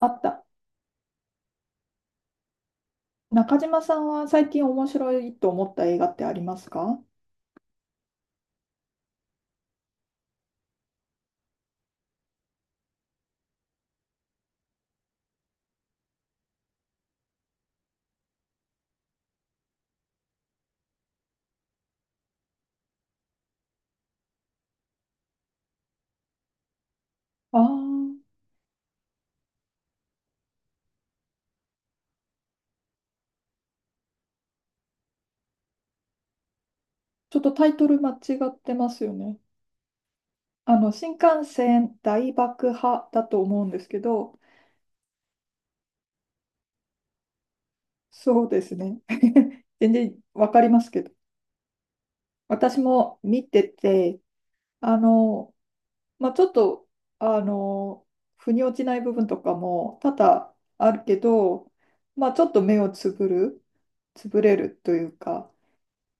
あった。中島さんは最近面白いと思った映画ってありますか？ああー、ちょっとタイトル間違ってますよね。新幹線大爆破だと思うんですけど、そうですね。全然わかりますけど。私も見てて、あの、まあ、ちょっと、あの、腑に落ちない部分とかも多々あるけど、まあ、ちょっと目をつぶる、つぶれるというか、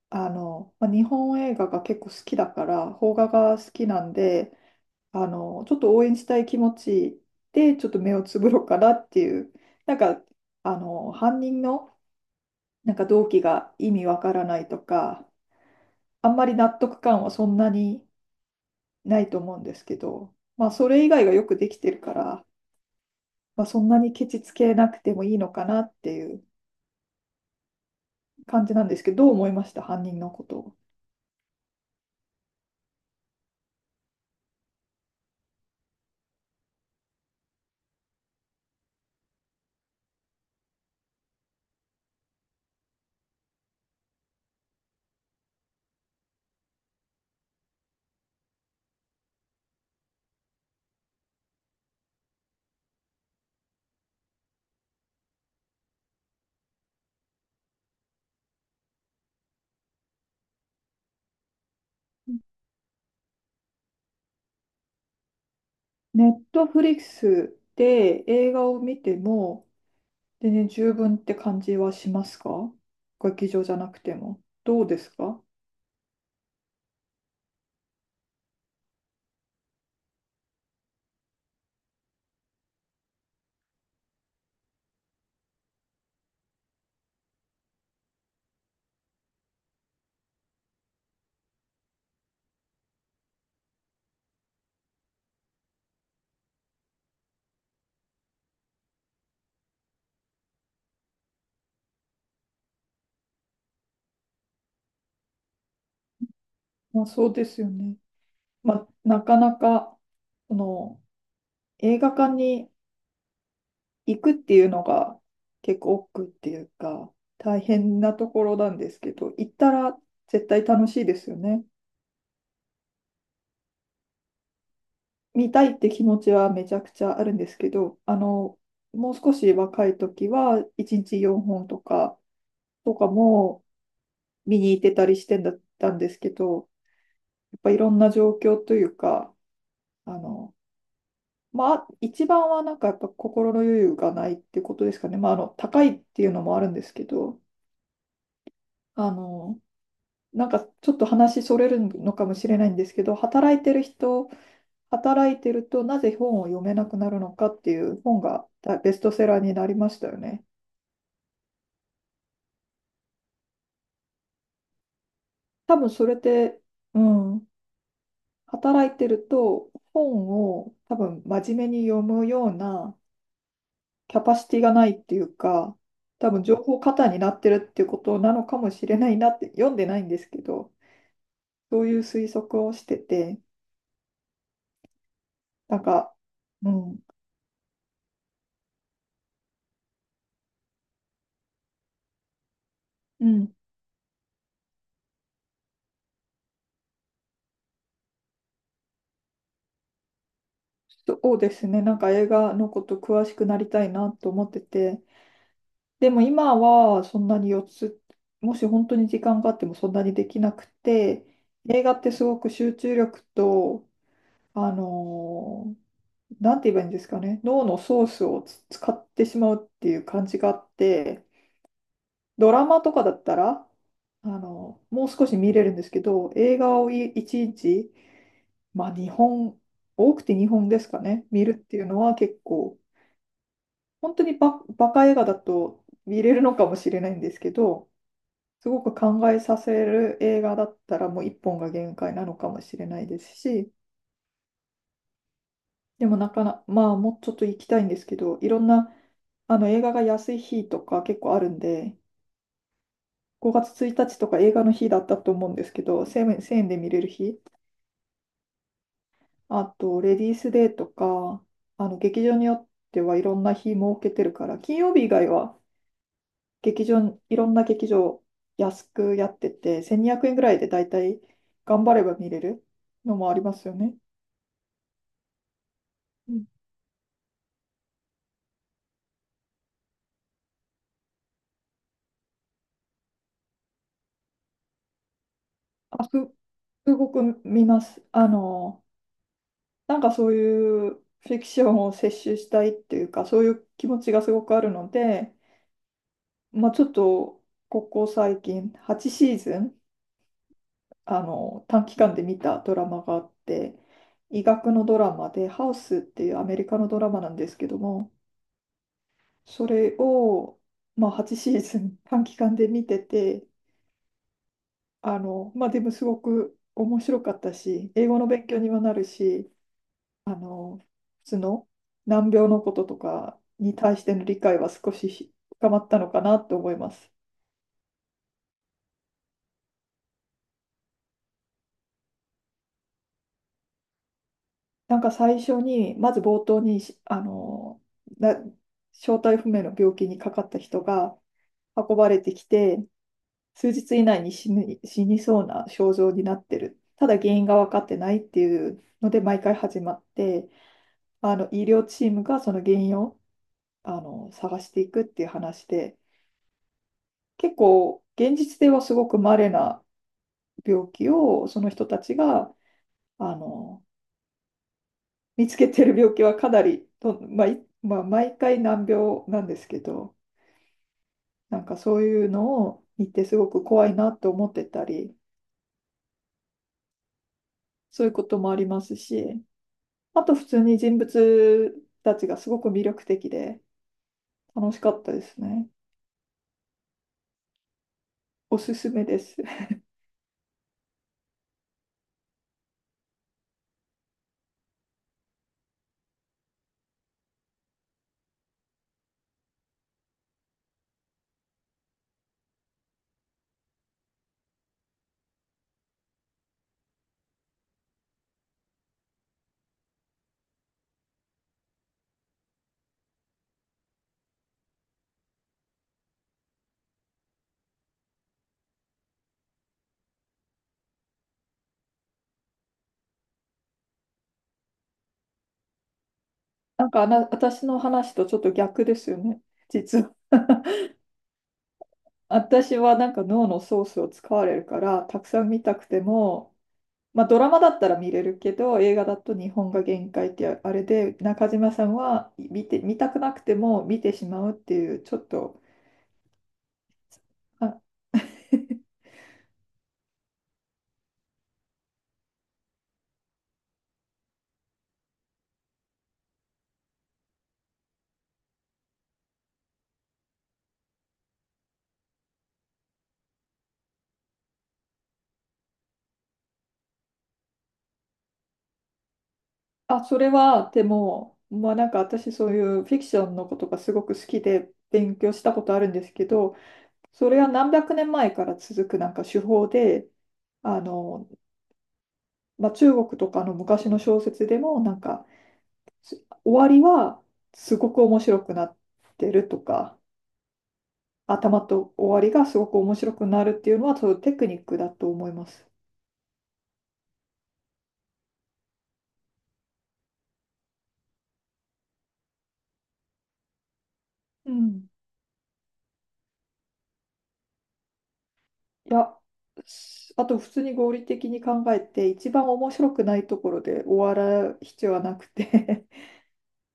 まあ、日本映画が結構好きだから、邦画が好きなんで、ちょっと応援したい気持ちで、ちょっと目をつぶろうかなっていう、なんか、犯人の、なんか動機が意味わからないとか、あんまり納得感はそんなにないと思うんですけど、まあ、それ以外がよくできてるから、まあ、そんなにケチつけなくてもいいのかなっていう感じなんですけど、どう思いました、犯人のことを。ネットフリックスで映画を見ても、全然十分って感じはしますか？劇場じゃなくても。どうですか？まあ、そうですよね。まあ、なかなか、その、映画館に行くっていうのが結構億劫っていうか、大変なところなんですけど、行ったら絶対楽しいですよね。見たいって気持ちはめちゃくちゃあるんですけど、もう少し若い時は1日4本とか、とかも見に行ってたりしてんだったんですけど、やっぱいろんな状況というか、あの、まあ、一番はなんかやっぱ心の余裕がないってことですかね。まあ、高いっていうのもあるんですけど、あの、なんかちょっと話それるのかもしれないんですけど、働いてるとなぜ本を読めなくなるのかっていう本がベストセラーになりましたよね。多分それで、うん、働いてると本を多分真面目に読むようなキャパシティがないっていうか、多分情報過多になってるっていうことなのかもしれないなって読んでないんですけど、そういう推測をしてて、なんか、うん、うん、そうですね。なんか映画のこと詳しくなりたいなと思ってて。でも今はそんなに4つ、もし本当に時間があってもそんなにできなくて、映画ってすごく集中力と、あのーなんて言えばいいんですかね、脳のソースを使ってしまうっていう感じがあって、ドラマとかだったら、もう少し見れるんですけど、映画を1日、まあ2本、多くて2本ですかね、見るっていうのは結構、本当にバカ映画だと見れるのかもしれないんですけど、すごく考えさせる映画だったらもう一本が限界なのかもしれないですし、でもなかな、まあもうちょっと行きたいんですけど、いろんな映画が安い日とか結構あるんで、5月1日とか映画の日だったと思うんですけど、1 1000円で見れる日、あとレディースデーとか、劇場によってはいろんな日設けてるから、金曜日以外はいろんな劇場安くやってて、1200円ぐらいでだいたい頑張れば見れるのもありますよね。うん。あ、すごく見ます。なんかそういうフィクションを摂取したいっていうか、そういう気持ちがすごくあるので、まあ、ちょっとここ最近8シーズン短期間で見たドラマがあって医学のドラマで「ハウス」っていうアメリカのドラマなんですけどもそれを、まあ、8シーズン 短期間で見てて、まあ、でもすごく面白かったし、英語の勉強にもなるし、あの、普通の難病のこととかに対しての理解は少し深まったのかなと思います。なんか最初に、まず冒頭に、な正体不明の病気にかかった人が運ばれてきて、数日以内に死ぬ、死にそうな症状になってる。ただ原因が分かってないっていうので毎回始まって、医療チームがその原因を探していくっていう話で、結構現実ではすごく稀な病気をその人たちがあの見つけてる病気はかなりと、まあいまあ、毎回難病なんですけど、なんかそういうのを見てすごく怖いなと思ってたり、そういうこともありますし。あと普通に人物たちがすごく魅力的で楽しかったですね。おすすめです。なんかあな、私の話とちょっと逆ですよね、実は。私はなんか脳のソースを使われるからたくさん見たくても、まあ、ドラマだったら見れるけど映画だと日本が限界ってあれで中島さんは見て、見たくなくても見てしまうっていうちょっと。ああ、それは、でも、まあなんか私そういうフィクションのことがすごく好きで勉強したことあるんですけど、それは何百年前から続くなんか手法で、あの、まあ中国とかの昔の小説でもなんか終わりはすごく面白くなってるとか、頭と終わりがすごく面白くなるっていうのはそういうテクニックだと思います。うん。いや、あと普通に合理的に考えて、一番面白くないところで終わら必要はなくて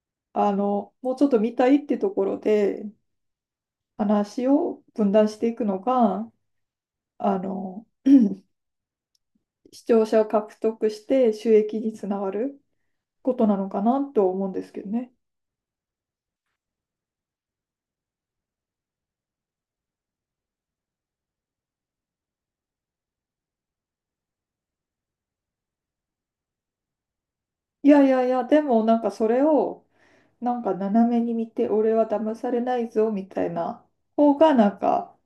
もうちょっと見たいってところで話を分断していくのが、あの、視聴者を獲得して収益につながることなのかなと思うんですけどね。いやいやいや、でもなんかそれをなんか斜めに見て、俺は騙されないぞみたいな方がなんか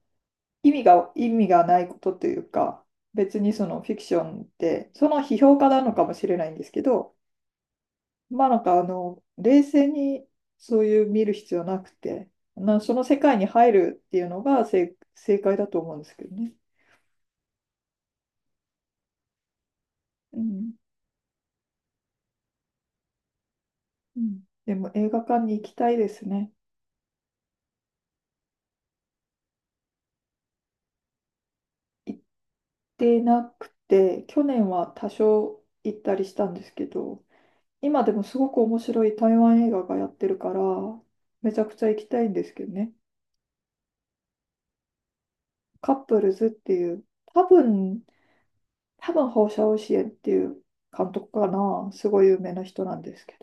意味がないことというか、別にそのフィクションって、その批評家なのかもしれないんですけど、まあなんか冷静にそういう見る必要なくて、その世界に入るっていうのが正解だと思うんですけどね。うん。うん。でも映画館に行きたいですね。行ってなくて、去年は多少行ったりしたんですけど、今でもすごく面白い台湾映画がやってるから、めちゃくちゃ行きたいんですけどね。カップルズっていう、多分、放射線っていう監督かな、すごい有名な人なんですけ